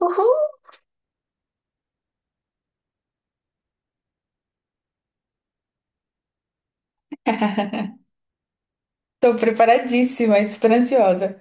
Uhul! Tô preparadíssima, ansiosa.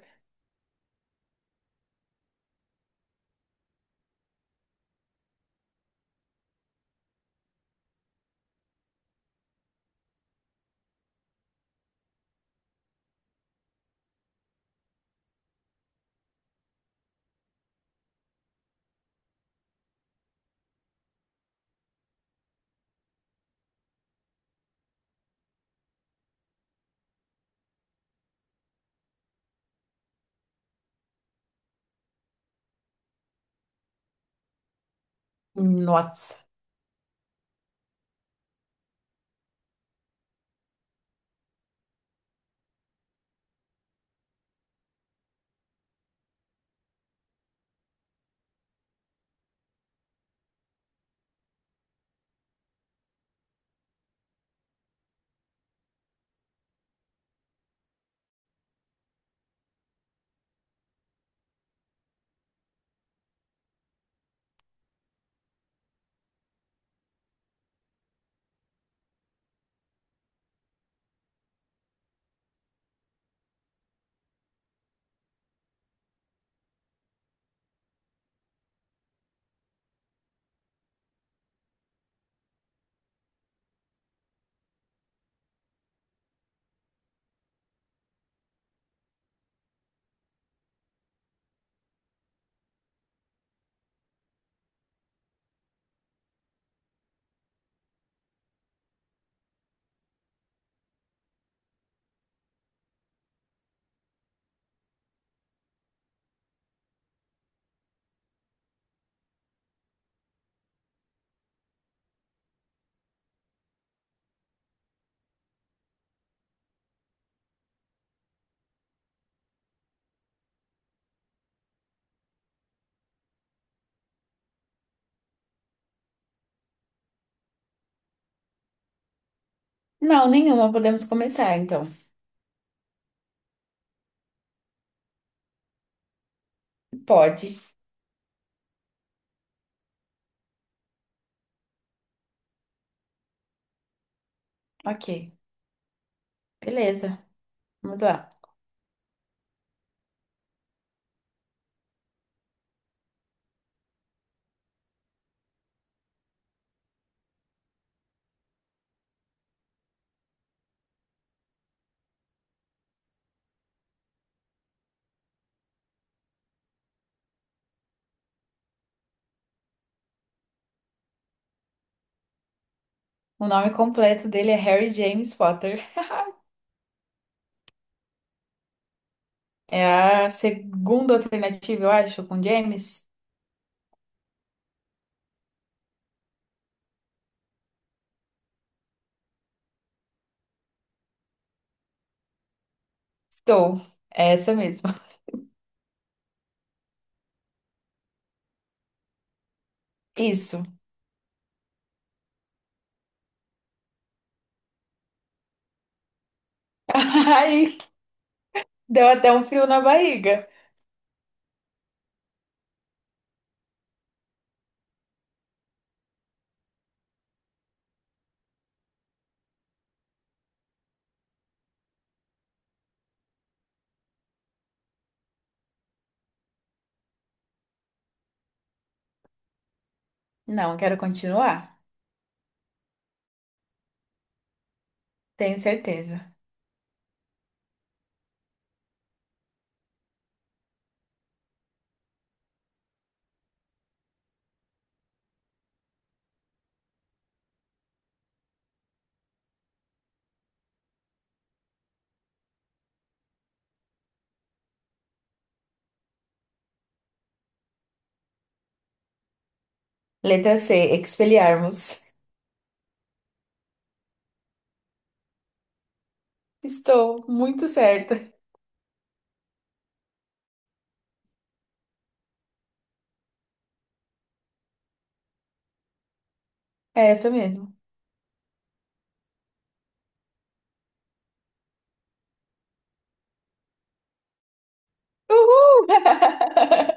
Nossa. Não, nenhuma. Podemos começar, então. Pode. Ok. Beleza. Vamos lá. O nome completo dele é Harry James Potter. É a segunda alternativa, eu acho, com James. Estou. É essa mesmo. Isso. Ai, deu até um frio na barriga. Não, quero continuar. Tenho certeza. Letra C, Expelliarmus. Estou muito certa. É essa mesmo. Uhul!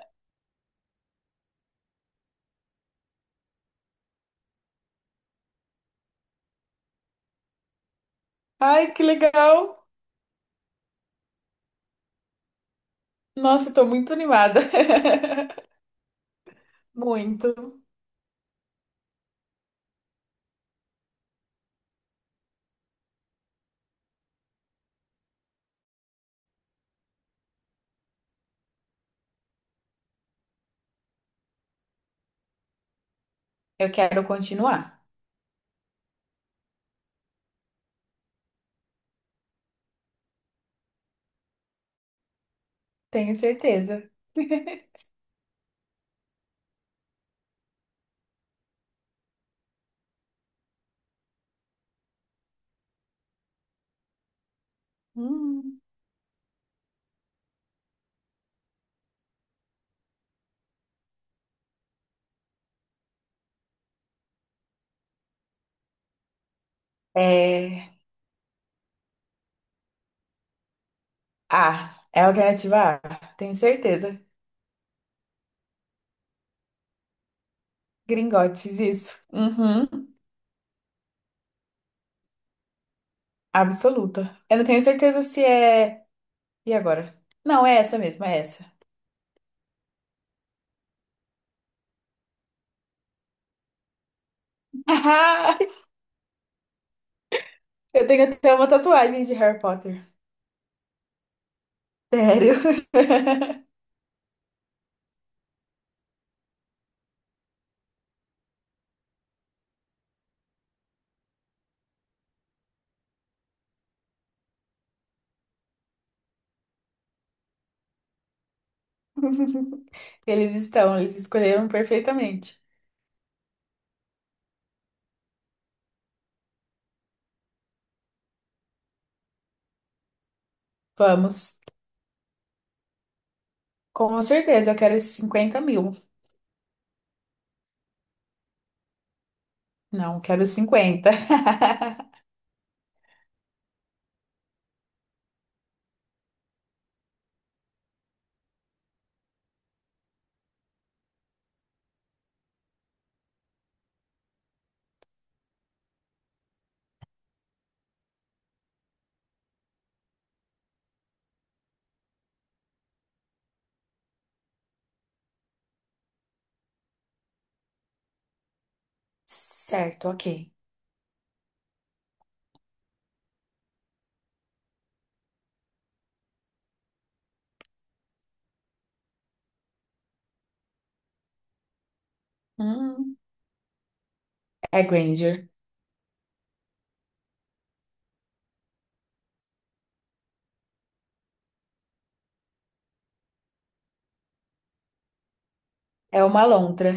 Ai, que legal! Nossa, estou muito animada. Muito. Eu quero continuar, tenho certeza. Hum. É. A. É a alternativa A, tenho certeza. Gringotes, isso. Uhum. Absoluta. Eu não tenho certeza se é. E agora? Não, é essa mesmo, é essa. Eu tenho até uma tatuagem de Harry Potter. Sério. Eles estão, eles escolheram perfeitamente. Vamos. Com certeza, eu quero esses 50 mil. Não, quero os 50 mil. Certo, ok. Hum, é Granger. É uma lontra.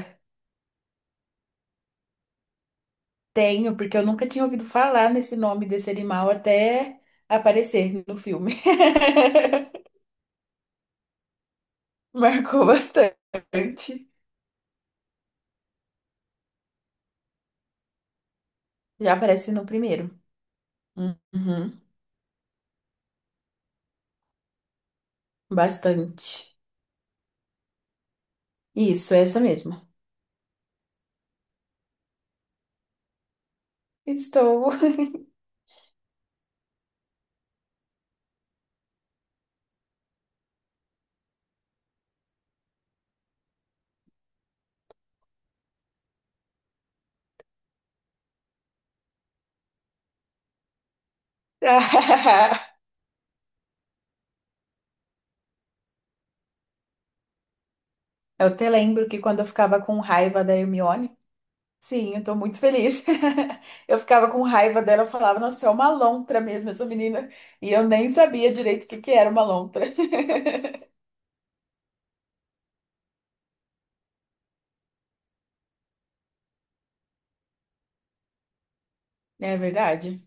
Tenho, porque eu nunca tinha ouvido falar nesse nome desse animal até aparecer no filme. Marcou bastante. Já aparece no primeiro. Uhum, bastante. Isso, é essa mesmo. Estou. Eu até lembro que quando eu ficava com raiva da Hermione, sim, eu tô muito feliz. Eu ficava com raiva dela, eu falava, nossa, é uma lontra mesmo essa menina. E eu nem sabia direito o que era uma lontra. É verdade.